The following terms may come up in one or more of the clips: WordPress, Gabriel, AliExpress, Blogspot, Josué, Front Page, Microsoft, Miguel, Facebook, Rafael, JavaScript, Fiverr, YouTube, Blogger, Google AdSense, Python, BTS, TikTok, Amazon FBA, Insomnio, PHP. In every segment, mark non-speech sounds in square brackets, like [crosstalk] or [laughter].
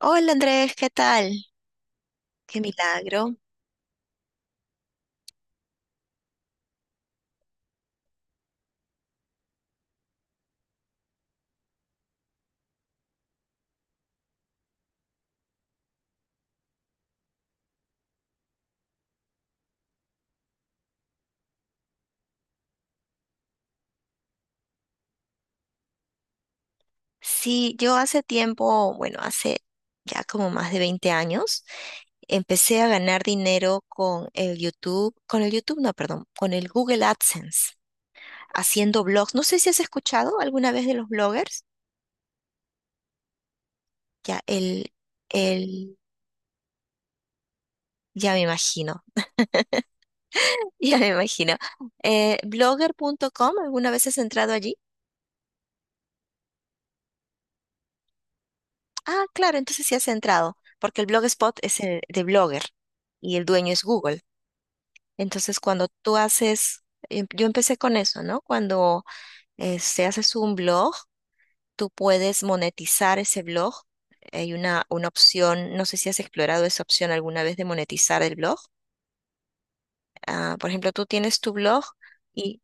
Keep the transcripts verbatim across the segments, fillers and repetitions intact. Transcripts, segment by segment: Hola Andrés, ¿qué tal? Qué milagro. Sí, yo hace tiempo, bueno, hace ya como más de veinte años, empecé a ganar dinero con el YouTube, con el YouTube, no, perdón, con el Google AdSense, haciendo blogs. No sé si has escuchado alguna vez de los bloggers. Ya, el, el, ya me imagino, [laughs] ya me imagino. Eh, Blogger punto com, ¿alguna vez has entrado allí? Ah, claro, entonces sí has entrado, porque el Blogspot es el de Blogger y el dueño es Google. Entonces, cuando tú haces, em- yo empecé con eso, ¿no? Cuando eh, se haces un blog, tú puedes monetizar ese blog. Hay una, una opción, no sé si has explorado esa opción alguna vez de monetizar el blog. Ah, por ejemplo, tú tienes tu blog. y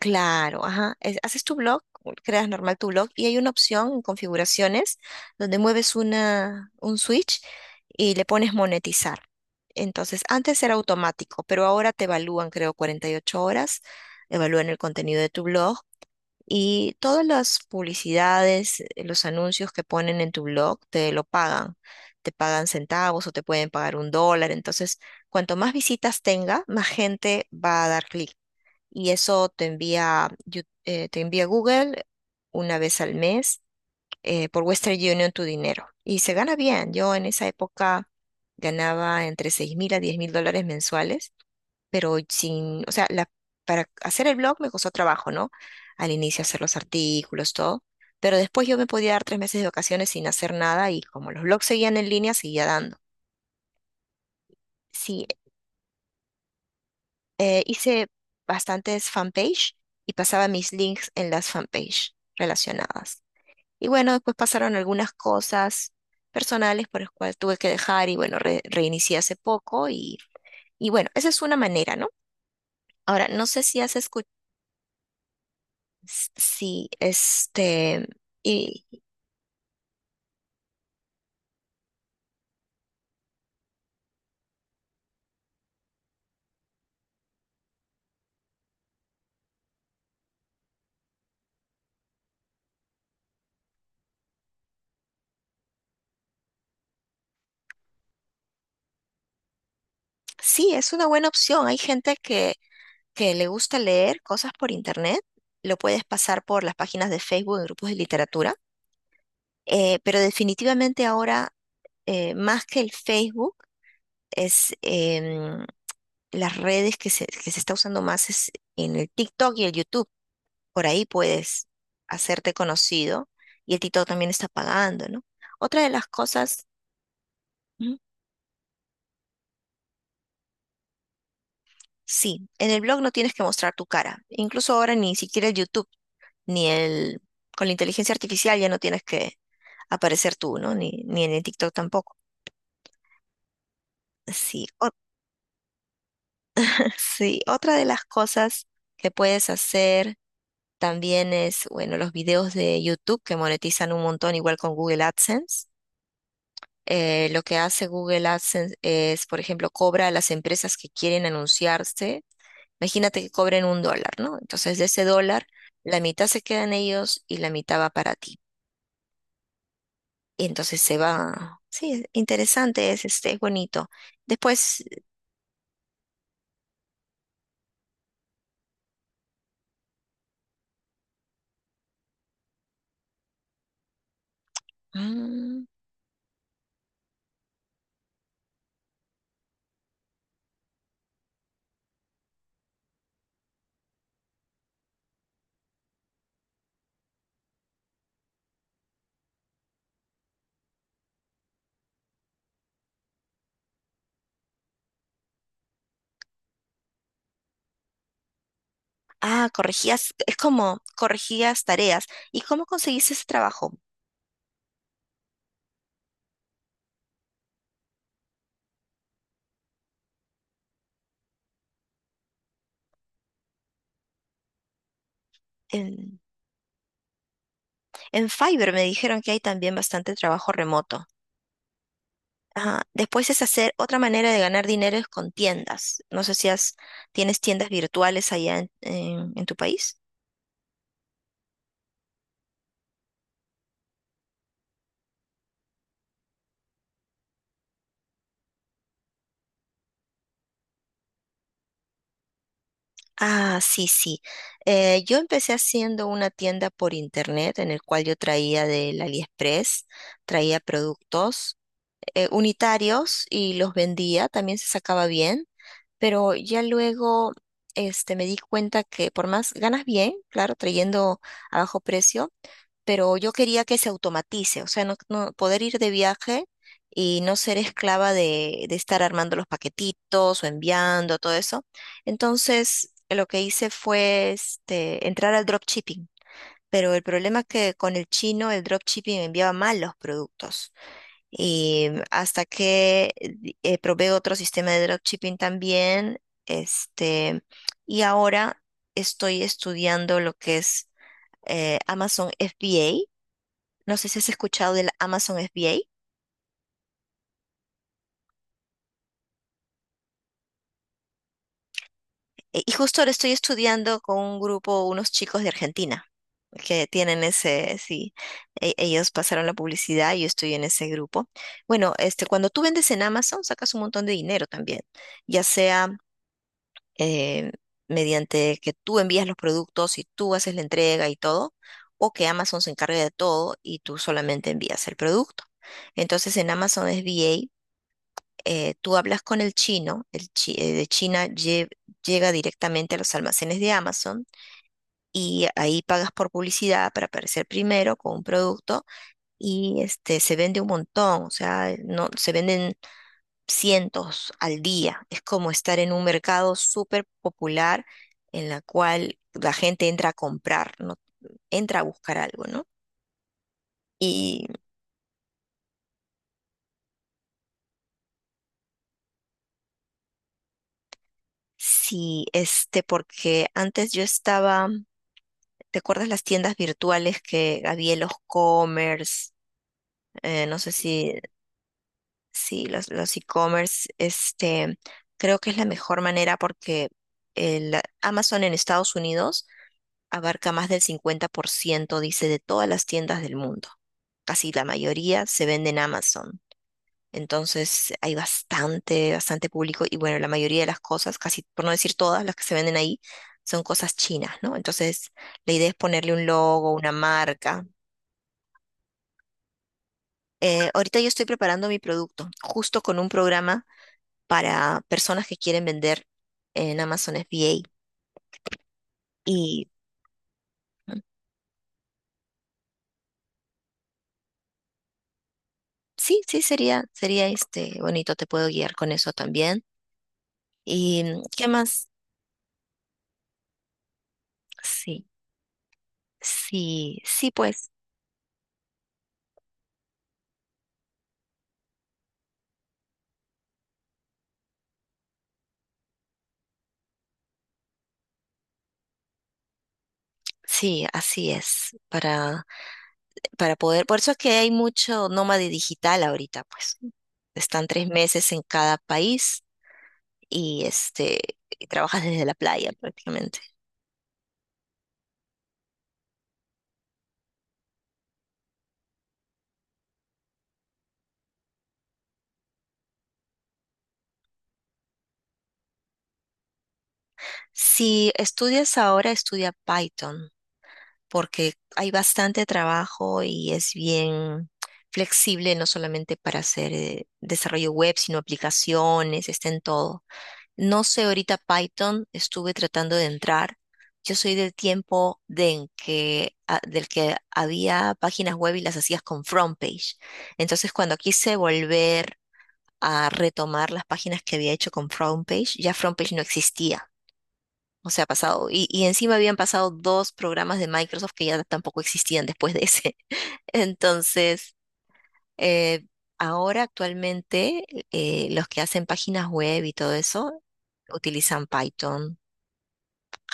Claro, ajá. Es- haces tu blog, creas normal tu blog y hay una opción en configuraciones donde mueves una, un switch y le pones monetizar. Entonces, antes era automático, pero ahora te evalúan, creo, cuarenta y ocho horas, evalúan el contenido de tu blog y todas las publicidades, eh, los anuncios que ponen en tu blog te lo pagan. Te pagan centavos o te pueden pagar un dólar. Entonces, cuanto más visitas tenga, más gente va a dar clic y eso te envía, Yu- eh, te envía Google una vez al mes eh, por Western Union tu dinero. Y se gana bien. Yo en esa época ganaba entre seis mil a diez mil dólares mensuales, pero sin, o sea, la, para hacer el blog me costó trabajo, ¿no? Al inicio hacer los artículos, todo. Pero después yo me podía dar tres meses de vacaciones sin hacer nada y como los blogs seguían en línea, seguía dando. Sí, eh, hice bastantes fanpage y pasaba mis links en las fanpage relacionadas. Y bueno, después pasaron algunas cosas personales por las cuales tuve que dejar y bueno, re- reinicié hace poco y, y bueno, esa es una manera, ¿no? Ahora, no sé si has escuchado, si este, y sí, es una buena opción. Hay gente que, que le gusta leer cosas por internet, lo puedes pasar por las páginas de Facebook, en grupos de literatura. Eh, pero definitivamente ahora eh, más que el Facebook, es em, las redes que se, que se está usando más es en el TikTok y el YouTube. Por ahí puedes hacerte conocido y el TikTok también está pagando, ¿no? Otra de las cosas, ujú, sí, en el blog no tienes que mostrar tu cara. Incluso ahora ni siquiera el YouTube, ni el, con la inteligencia artificial ya no tienes que aparecer tú, ¿no? Ni, ni en el TikTok tampoco. Sí, o- [laughs] sí, otra de las cosas que puedes hacer También es, bueno, los videos de YouTube que monetizan un montón, igual con Google AdSense. Eh, lo que hace Google AdSense es, por ejemplo, cobra a las empresas que quieren anunciarse. Imagínate que cobren un dólar, ¿no? Entonces, de ese dólar, la mitad se quedan ellos y la mitad va para ti. Y entonces se va. Sí, es interesante, es, este, es bonito. Después, mm, ah, corregías, es como corregías tareas. ¿Y cómo conseguís ese trabajo? En Fiverr me dijeron que hay también bastante trabajo remoto. Ajá. Después es hacer otra manera de ganar dinero es con tiendas. No sé si has- tienes tiendas virtuales allá en, en- en tu país. Ah, sí, sí. Eh, yo empecé haciendo una tienda por internet en el cual yo traía del AliExpress, traía productos eh, unitarios y los vendía. También se sacaba bien, pero ya luego este, me di cuenta que por más ganas bien, claro, trayendo a bajo precio pero yo quería que se automatice, o sea, no, no- poder ir de viaje y no ser esclava de, de estar armando los paquetitos o enviando todo eso. Entonces, lo que hice fue este, entrar al dropshipping. Pero el problema es que con el chino el dropshipping enviaba mal los productos. Y hasta que eh, eh, probé otro sistema de dropshipping también, este, y ahora estoy estudiando lo que es eh, Amazon F B A, no sé si has escuchado del Amazon F B A. eh, Y justo ahora estoy estudiando con un grupo, unos chicos de Argentina, que tienen ese, sí, e- ellos pasaron la publicidad y yo estoy en ese grupo. Bueno, este, cuando tú vendes en Amazon, sacas un montón de dinero también, ya sea eh, mediante que tú envías los productos y tú haces la entrega y todo, o que Amazon se encargue de todo y tú solamente envías el producto. Entonces en Amazon F B A eh, tú hablas con el chino, el chi- eh, de China lle- llega directamente a los almacenes de Amazon y ahí pagas por publicidad para aparecer primero con un producto y este, se vende un montón, o sea, eh, no, se venden cientos al día. Es como estar en un mercado súper popular en la cual la gente entra a comprar, no entra a buscar algo, ¿no? Y sí, este, porque antes yo estaba. ¿Te acuerdas las tiendas virtuales que había en los commerce? Eh, no sé si, si los, los e-commerce, este, creo que es la mejor manera porque el Amazon en Estados Unidos abarca más del cincuenta por ciento, dice, de todas las tiendas del mundo. Casi la mayoría se vende en Amazon. Entonces hay bastante, bastante público y bueno, la mayoría de las cosas, casi por no decir todas las que se venden ahí, son cosas chinas, ¿no? Entonces la idea es ponerle un logo, una marca. Eh, ahorita yo estoy preparando mi producto, justo con un programa para personas que quieren vender en Amazon F B A. Y mm, sí, sí, sería, sería este bonito, te puedo guiar con eso también. ¿Y mm, qué más? Sí, sí, sí, pues, sí, así es. Para, para poder, por eso es que hay mucho nómade digital ahorita, pues. Están tres meses en cada país y este, y trabajas desde la playa prácticamente. Si estudias ahora, estudia Python, porque hay bastante trabajo y es bien flexible, no solamente para hacer eh, desarrollo web, sino aplicaciones, está en todo. No sé ahorita Python, estuve tratando de entrar. Yo soy del tiempo de en que, a- del que había páginas web y las hacías con front page. Entonces, cuando quise volver a retomar las páginas que había hecho con front page, ya front page no existía. O sea, ha pasado. Y, y encima habían pasado dos programas de Microsoft que ya tampoco existían después de ese. [laughs] Entonces, eh, ahora actualmente eh, los que hacen páginas web y todo eso utilizan Python,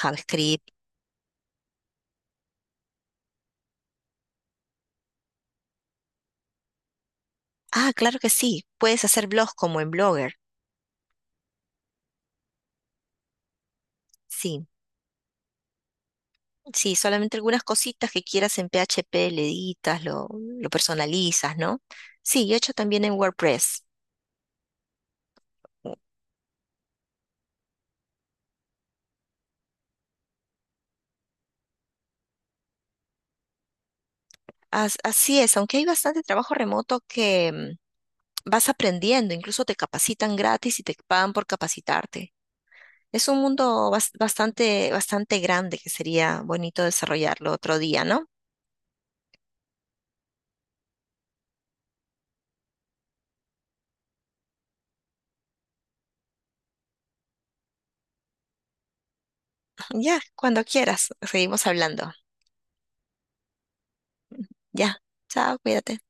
JavaScript. Ah, claro que sí. Puedes hacer blogs como en Blogger. Sí, sí, solamente algunas cositas que quieras en P H P le editas, lo, lo personalizas, ¿no? Sí, yo he hecho también en WordPress. As- así es, aunque hay bastante trabajo remoto que... vas aprendiendo, incluso te capacitan gratis y te pagan por capacitarte. Es un mundo bas- bastante, bastante grande que sería bonito desarrollarlo otro día, ¿no? Ya, cuando quieras, seguimos hablando. Ya, chao, cuídate.